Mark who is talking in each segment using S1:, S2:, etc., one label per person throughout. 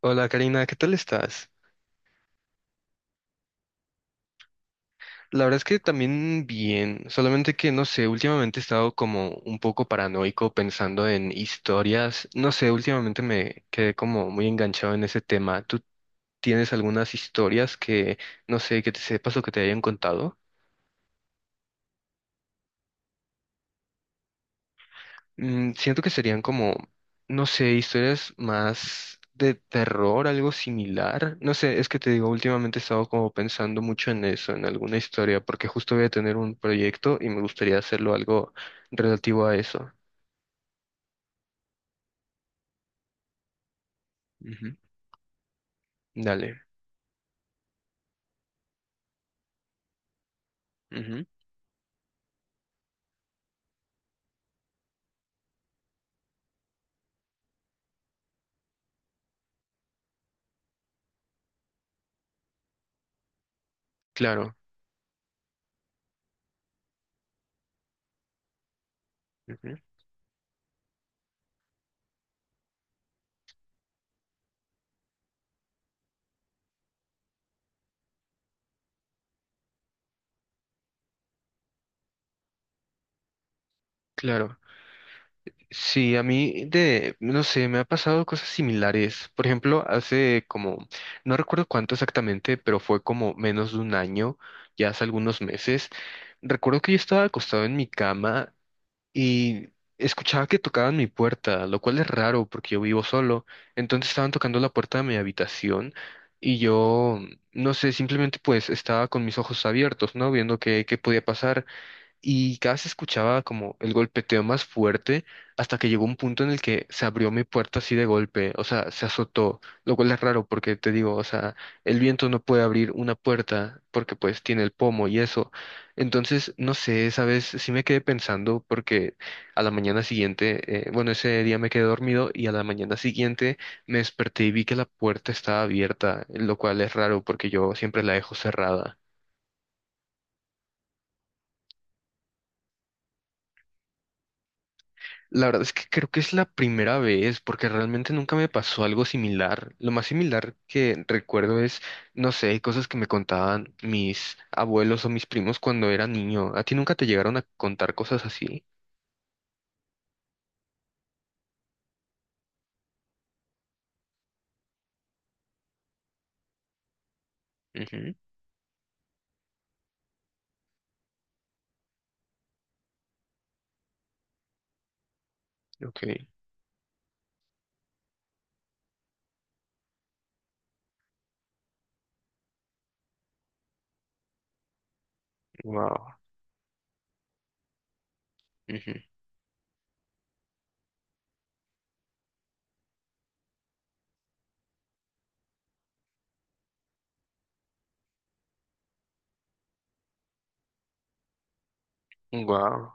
S1: Hola Karina, ¿qué tal estás? La verdad es que también bien, solamente que no sé, últimamente he estado como un poco paranoico pensando en historias, no sé, últimamente me quedé como muy enganchado en ese tema. ¿Tú tienes algunas historias que, no sé, que te sepas o que te hayan contado? Siento que serían como, no sé, historias más de terror, algo similar. No sé, es que te digo, últimamente he estado como pensando mucho en eso, en alguna historia, porque justo voy a tener un proyecto y me gustaría hacerlo algo relativo a eso. Ujú. Dale. Ujú. Claro. Ujú. Claro. Sí, a mí de, no sé, me ha pasado cosas similares. Por ejemplo, hace como, no recuerdo cuánto exactamente, pero fue como menos de un año, ya hace algunos meses. Recuerdo que yo estaba acostado en mi cama y escuchaba que tocaban mi puerta, lo cual es raro porque yo vivo solo. Entonces estaban tocando la puerta de mi habitación y yo, no sé, simplemente pues estaba con mis ojos abiertos, ¿no? Viendo qué, qué podía pasar y cada vez escuchaba como el golpeteo más fuerte hasta que llegó un punto en el que se abrió mi puerta así de golpe, o sea, se azotó, lo cual es raro porque te digo, o sea, el viento no puede abrir una puerta porque pues tiene el pomo y eso. Entonces, no sé, esa vez sí me quedé pensando porque a la mañana siguiente, bueno, ese día me quedé dormido y a la mañana siguiente me desperté y vi que la puerta estaba abierta, lo cual es raro porque yo siempre la dejo cerrada. La verdad es que creo que es la primera vez, porque realmente nunca me pasó algo similar. Lo más similar que recuerdo es, no sé, cosas que me contaban mis abuelos o mis primos cuando era niño. ¿A ti nunca te llegaron a contar cosas así? Ujú. Ok. Wow. Wow.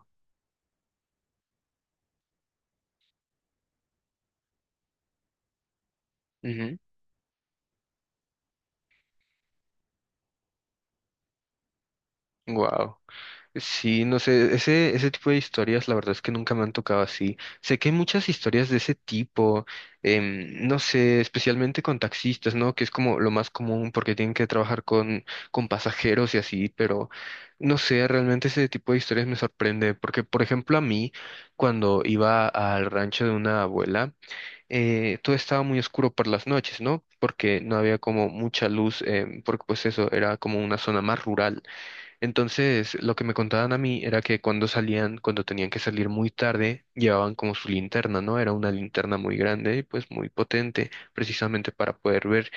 S1: Wow. Sí, no sé, ese tipo de historias, la verdad es que nunca me han tocado así. Sé que hay muchas historias de ese tipo, no sé, especialmente con taxistas, ¿no? Que es como lo más común porque tienen que trabajar con pasajeros y así, pero no sé, realmente ese tipo de historias me sorprende porque, por ejemplo, a mí, cuando iba al rancho de una abuela, todo estaba muy oscuro por las noches, ¿no? Porque no había como mucha luz, porque pues eso era como una zona más rural. Entonces, lo que me contaban a mí era que cuando salían, cuando tenían que salir muy tarde, llevaban como su linterna, ¿no? Era una linterna muy grande y pues muy potente, precisamente para poder ver.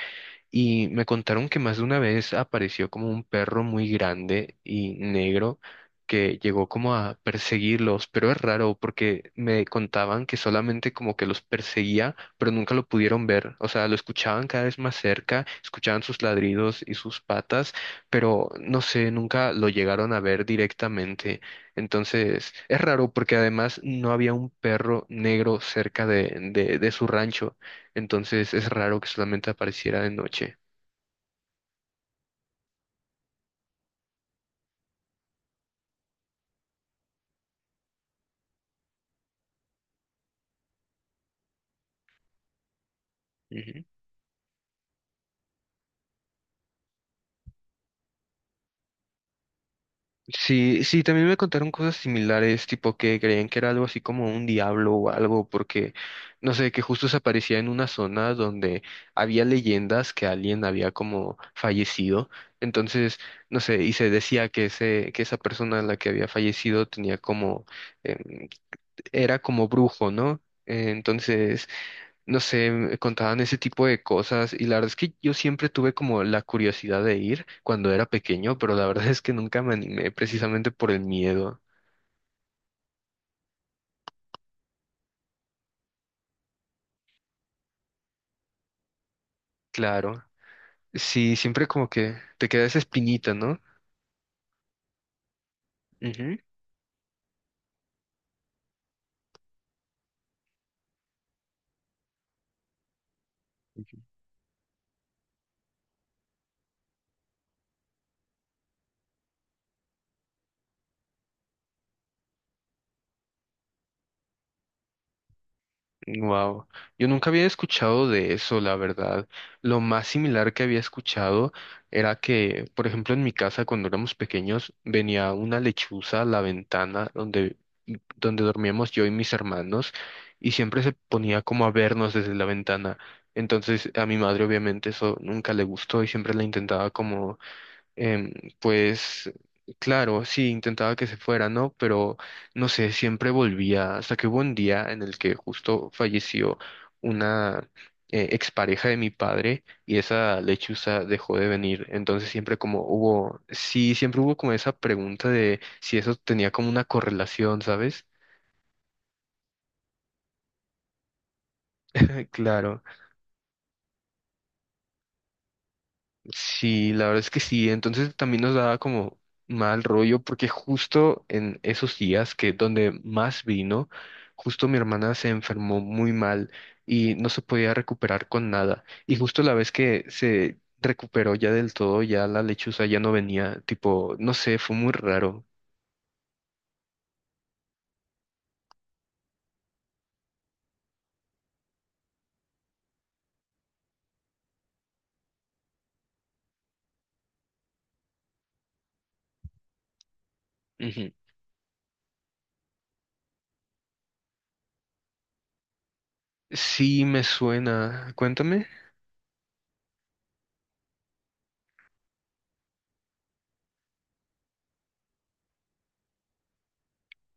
S1: Y me contaron que más de una vez apareció como un perro muy grande y negro que llegó como a perseguirlos, pero es raro porque me contaban que solamente como que los perseguía, pero nunca lo pudieron ver. O sea, lo escuchaban cada vez más cerca, escuchaban sus ladridos y sus patas, pero no sé, nunca lo llegaron a ver directamente. Entonces, es raro porque además no había un perro negro cerca de, de su rancho, entonces es raro que solamente apareciera de noche. Ujú. Sí, sí, también me contaron cosas similares, tipo que creían que era algo así como un diablo o algo, porque no sé, que justo se aparecía en una zona donde había leyendas que alguien había como fallecido. Entonces, no sé, y se decía que ese, que esa persona a la que había fallecido tenía como, em, era como brujo, ¿no? Entonces, no sé, me contaban ese tipo de cosas y la verdad es que yo siempre tuve como la curiosidad de ir cuando era pequeño, pero la verdad es que nunca me animé precisamente por el miedo. Claro, sí, siempre como que te queda esa espinita, ¿no? Ujú. Wow, yo nunca había escuchado de eso, la verdad. Lo más similar que había escuchado era que, por ejemplo, en mi casa cuando éramos pequeños venía una lechuza a la ventana donde, donde dormíamos yo y mis hermanos y siempre se ponía como a vernos desde la ventana. Entonces a mi madre obviamente eso nunca le gustó y siempre la intentaba como em, pues claro, sí, intentaba que se fuera, ¿no? Pero no sé, siempre volvía, hasta que hubo un día en el que justo falleció una expareja de mi padre y esa lechuza dejó de venir. Entonces siempre como hubo, sí, siempre hubo como esa pregunta de si eso tenía como una correlación, ¿sabes? Claro. Sí, la verdad es que sí. Entonces también nos daba como mal rollo porque justo en esos días que donde más vino, justo mi hermana se enfermó muy mal y no se podía recuperar con nada. Y justo la vez que se recuperó ya del todo, ya la lechuza ya no venía, tipo, no sé, fue muy raro. Ujú. Sí, me suena. Cuéntame.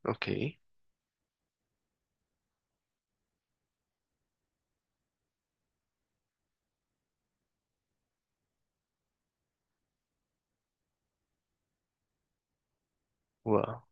S1: Ok. Wow.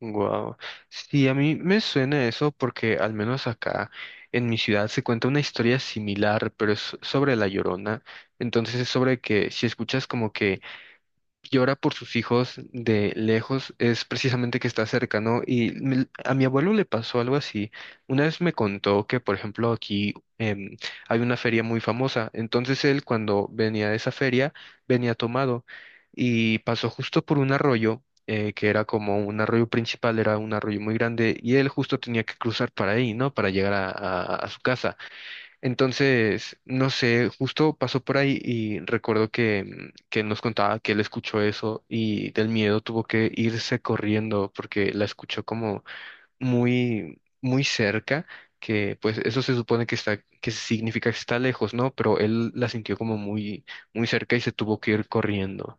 S1: Wow. Sí, a mí me suena eso porque al menos acá en mi ciudad se cuenta una historia similar, pero es sobre la Llorona. Entonces es sobre que si escuchas como que llora por sus hijos de lejos es precisamente que está cerca, ¿no? Y me- a mi abuelo le pasó algo así. Una vez me contó que, por ejemplo, aquí hay una feria muy famosa. Entonces él, cuando venía de esa feria, venía tomado y pasó justo por un arroyo. Que era como un arroyo principal, era un arroyo muy grande y él justo tenía que cruzar para ahí, ¿no? Para llegar a su casa. Entonces, no sé, justo pasó por ahí y recuerdo que, que nos contaba que él escuchó eso y del miedo tuvo que irse corriendo porque la escuchó como muy, muy cerca, que pues eso se supone que está, que significa que está lejos, ¿no? Pero él la sintió como muy, muy cerca y se tuvo que ir corriendo.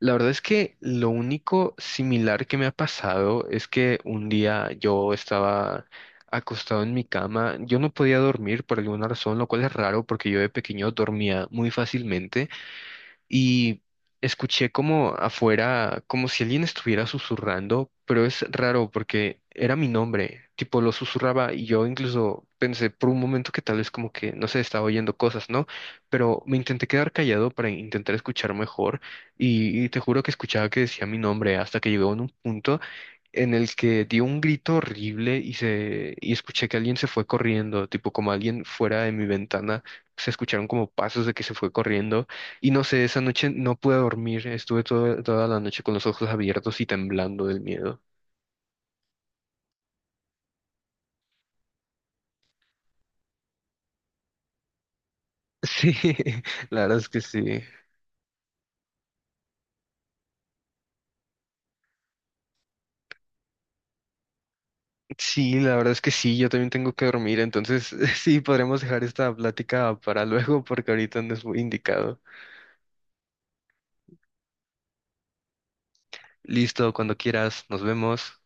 S1: La verdad es que lo único similar que me ha pasado es que un día yo estaba acostado en mi cama, yo no podía dormir por alguna razón, lo cual es raro porque yo de pequeño dormía muy fácilmente y escuché como afuera, como si alguien estuviera susurrando, pero es raro porque era mi nombre, tipo lo susurraba y yo incluso pensé por un momento que tal vez como que, no sé, estaba oyendo cosas, ¿no? Pero me intenté quedar callado para intentar escuchar mejor y te juro que escuchaba que decía mi nombre hasta que llegó en un punto en el que dio un grito horrible y se y escuché que alguien se fue corriendo, tipo como alguien fuera de mi ventana, se escucharon como pasos de que se fue corriendo y no sé, esa noche no pude dormir, estuve toda la noche con los ojos abiertos y temblando del miedo. Sí, la verdad es que sí. Sí, la verdad es que sí, yo también tengo que dormir, entonces sí, podremos dejar esta plática para luego porque ahorita no es muy indicado. Listo, cuando quieras, nos vemos.